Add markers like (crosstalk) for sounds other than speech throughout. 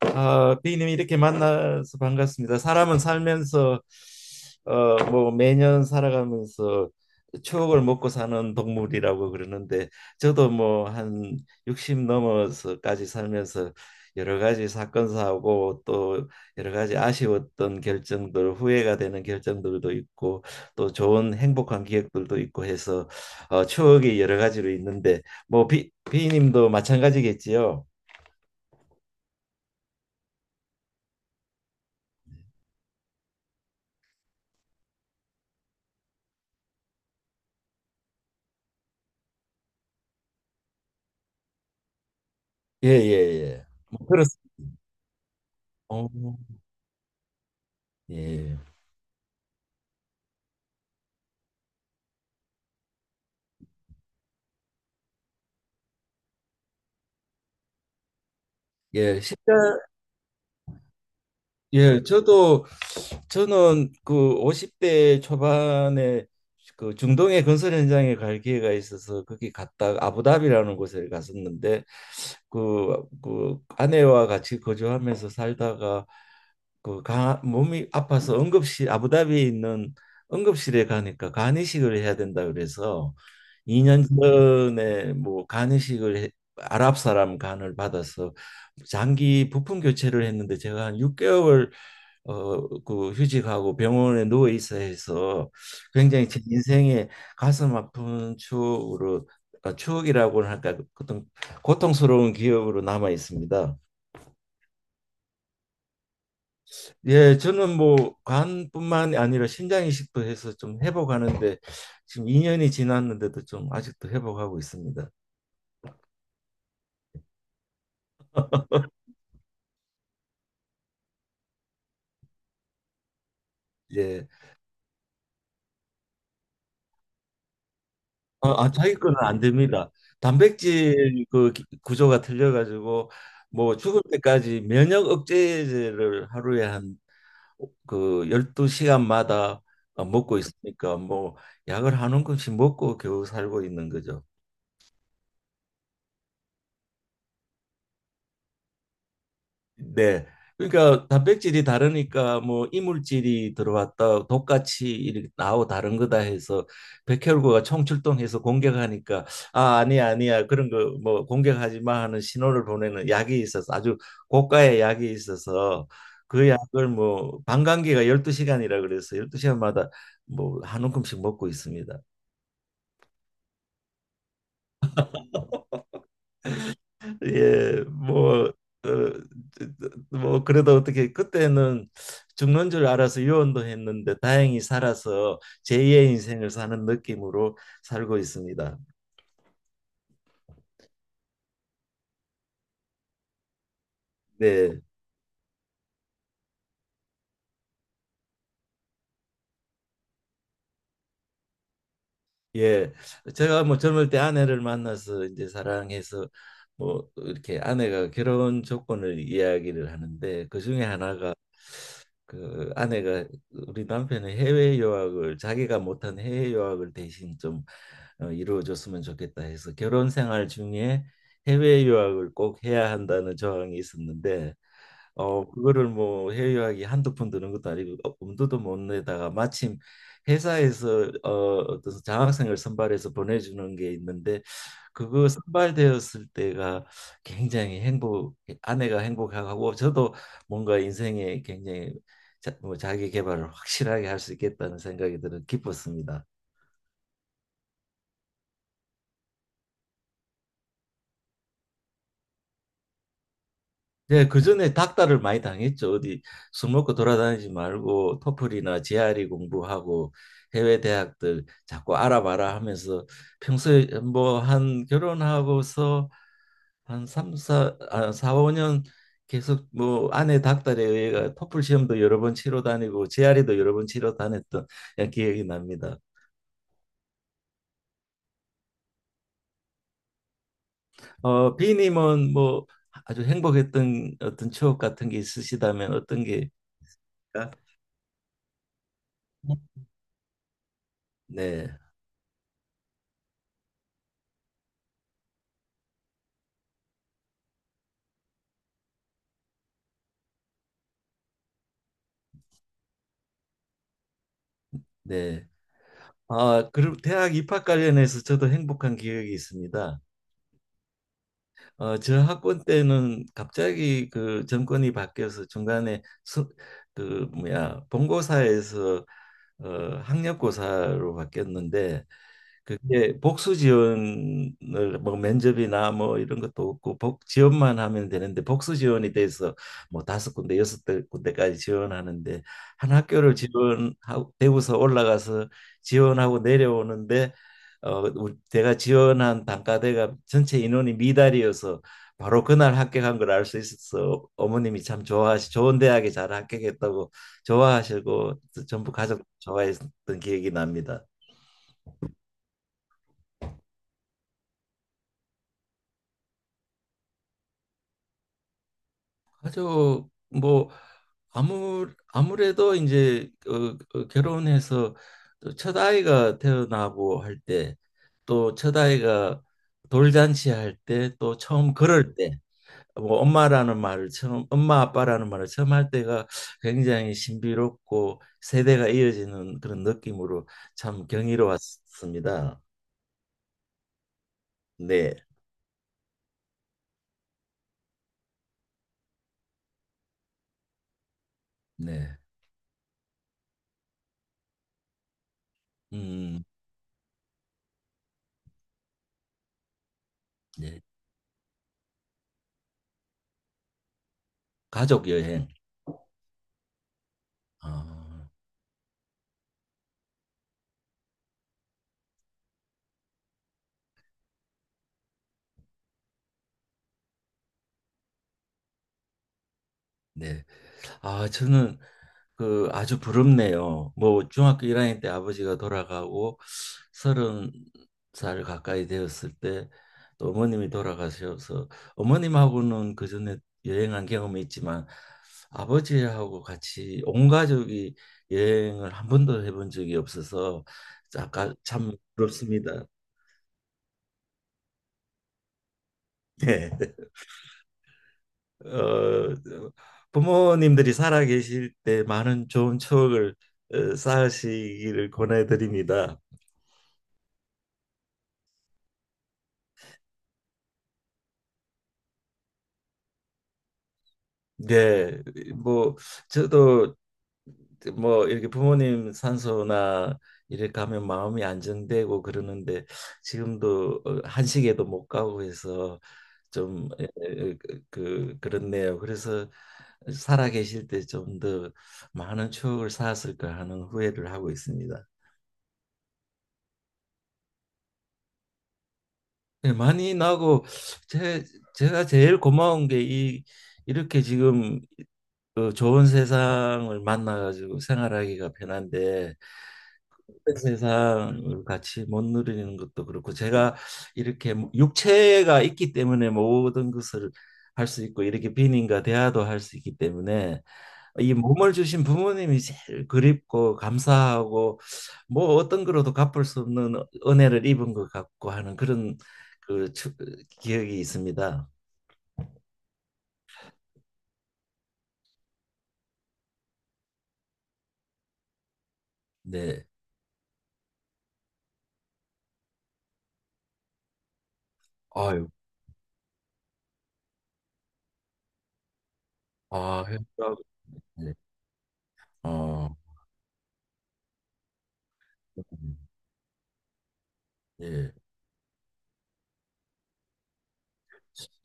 아, 비님 이렇게 만나서 반갑습니다. 사람은 살면서 매년 살아가면서 추억을 먹고 사는 동물이라고 그러는데 저도 뭐 한 60 넘어서까지 살면서 여러 가지 사건 사고 또 여러 가지 아쉬웠던 결정들 후회가 되는 결정들도 있고 또 좋은 행복한 기억들도 있고 해서 추억이 여러 가지로 있는데 뭐 비님도 마찬가지겠지요? 예 예, 예. 뭐 그렇, 어, 예. 예, 실제, 예, 저는 그 50대 초반에 그 중동의 건설 현장에 갈 기회가 있어서 거기 갔다 아부다비라는 곳에 갔었는데 그 아내와 같이 거주하면서 살다가 몸이 아파서 응급실 아부다비에 있는 응급실에 가니까 간이식을 해야 된다 그래서 2년 전에 뭐 아랍 사람 간을 받아서 장기 부품 교체를 했는데 제가 한 6개월 그 휴직하고 병원에 누워 있어 해서 굉장히 제 인생에 가슴 아픈 추억으로 추억이라고는 할까 어떤 고통스러운 기억으로 남아 있습니다. 예, 저는 뭐 간뿐만 아니라 신장 이식도 해서 좀 회복하는데 지금 2년이 지났는데도 좀 아직도 회복하고 있습니다. 예. 자기 거는 안 됩니다. 단백질 구조가 틀려 가지고 뭐 죽을 때까지 면역 억제제를 하루에 한 그 12시간마다 먹고 있으니까 뭐 약을 한 움큼씩 먹고 겨우 살고 있는 거죠. 네. 그러니까 단백질이 다르니까 뭐 이물질이 들어왔다 독같이 이렇게 나오 다른 거다 해서 백혈구가 총출동해서 공격하니까 아 아니야, 아니야, 그런 거 뭐 공격하지 마 하는 신호를 보내는 약이 있어서 아주 고가의 약이 있어서 그 약을 뭐 방광기가 12시간이라 그래서 12시간마다 뭐 한 움큼씩 먹고 있습니다. 예, 뭐, 어, 뭐 그래도 어떻게 그때는 죽는 줄 알아서 유언도 했는데 다행히 살아서 제2의 인생을 사는 느낌으로 살고 있습니다. 네, 예, 제가 뭐 젊을 때 아내를 만나서 이제 사랑해서 뭐 이렇게 아내가 결혼 조건을 이야기를 하는데 그 중에 하나가 그 아내가 우리 남편의 해외 유학을 자기가 못한 해외 유학을 대신 좀 이루어줬으면 좋겠다 해서 결혼 생활 중에 해외 유학을 꼭 해야 한다는 조항이 있었는데 그거를 뭐 해외여행이 한두 푼 드는 것도 아니고 엄두도 못 내다가 마침 회사에서 어떤 장학생을 선발해서 보내주는 게 있는데 그거 선발되었을 때가 굉장히 행복, 아내가 행복하고 저도 뭔가 인생에 굉장히 자, 뭐 자기 개발을 확실하게 할 수 있겠다는 생각이 들어 기뻤습니다. 네, 그 전에 닥달을 많이 당했죠. 어디 술 먹고 돌아다니지 말고 토플이나 GRE 공부하고 해외 대학들 자꾸 알아봐라 하면서 평소에 뭐 한 결혼하고서 한 사 5년 계속 뭐 아내 닥달에 의해 토플 시험도 여러 번 치러 다니고 GRE도 여러 번 치러 다녔던 그냥 기억이 납니다. 비님은 뭐 아주 행복했던 어떤 추억 같은 게 있으시다면 어떤 게. 네, 네. 아, 그리고 대학 입학 관련해서 저도 행복한 기억이 있습니다. 저 학번 때는 갑자기 그 정권이 바뀌어서 중간에 그 뭐야 본고사에서 어, 학력고사로 바뀌었는데 그게 복수지원을 뭐 면접이나 뭐 이런 것도 없고 복 지원만 하면 되는데 복수지원이 돼서 뭐 다섯 군데 군데까지 지원하는데 한 학교를 지원하고 대구서 올라가서 지원하고 내려오는데 우리 제가 지원한 단과대가 전체 인원이 미달이어서 바로 그날 합격한 걸 알 수 있어서 어머님이 참 좋아하시 좋은 대학에 잘 합격했다고 좋아하시고 전부 가족 좋아했던 기억이 납니다. 아주 뭐 아무 아무래도 이제 결혼해서 또첫 아이가 태어나고 할 때 또 첫 아이가 돌잔치 할 때 또 처음 걸을 때 뭐 엄마라는 말을 처음 엄마 아빠라는 말을 처음 할 때가 굉장히 신비롭고 세대가 이어지는 그런 느낌으로 참 경이로웠습니다. 네, 네, 음, 네, 가족 여행. 아, 네. 아, 저는 그 아주 부럽네요. 뭐 중학교 1학년 때 아버지가 돌아가고 서른 살 가까이 되었을 때 또 어머님이 돌아가셔서 어머님하고는 그 전에 여행한 경험이 있지만 아버지하고 같이 온 가족이 여행을 한 번도 해본 적이 없어서 아까 참 부럽습니다. (laughs) 네. 부모님들이 살아 계실 때 많은 좋은 추억을 쌓으시기를 권해드립니다. 네, 뭐 저도 뭐 이렇게 부모님 산소나 이렇게 가면 마음이 안정되고 그러는데 지금도 한식에도 못 가고 해서 좀 그렇네요. 그래서 살아 계실 때 좀 더 많은 추억을 쌓았을까 하는 후회를 하고 있습니다. 네, 많이 나고 제 제가 제일 고마운 게 이 이렇게 지금 그 좋은 세상을 만나가지고 생활하기가 편한데 세상을 같이 못 누리는 것도 그렇고 제가 이렇게 뭐 육체가 있기 때문에 모든 것을 할 수 있고 이렇게 비님과 대화도 할 수 있기 때문에 이 몸을 주신 부모님이 제일 그립고 감사하고 뭐 어떤 거로도 갚을 수 없는 은혜를 입은 것 같고 하는 그런 그 추- 기억이 있습니다. 네. 아유, 아, 네. 어, 음. 예.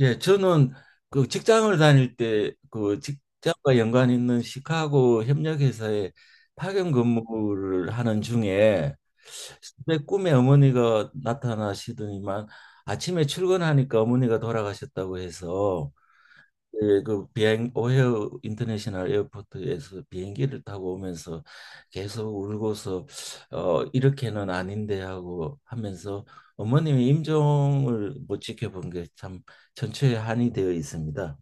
예, 저는 그 직장을 다닐 때 그 직장과 연관 있는 시카고 협력회사에 파견 근무를 하는 중에 내 꿈에 어머니가 나타나시더니만 아침에 출근하니까 어머니가 돌아가셨다고 해서 예, 그 비행 오헤어 인터내셔널 에어포트에서 비행기를 타고 오면서 계속 울고서 이렇게는 아닌데 하고 하면서 어머님이 임종을 못 지켜본 게 참 전체에 한이 되어 있습니다.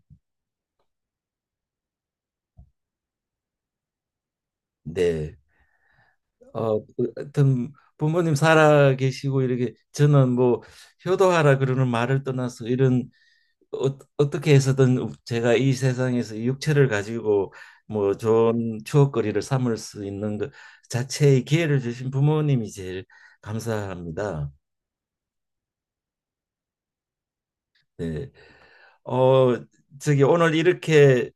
네. 하여튼 부모님 살아 계시고 이렇게 저는 뭐 효도하라 그러는 말을 떠나서 이런 어떻게 해서든 제가 이 세상에서 이 육체를 가지고 뭐 좋은 추억거리를 삼을 수 있는 것 자체의 기회를 주신 부모님이 제일 감사합니다. 네. 어, 저기 오늘 이렇게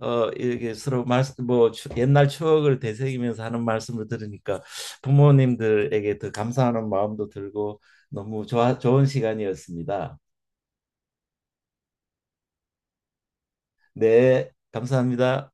이렇게 서로 말씀 옛날 추억을 되새기면서 하는 말씀을 들으니까 부모님들에게 더 감사하는 마음도 들고 너무 좋은 시간이었습니다. 네, 감사합니다.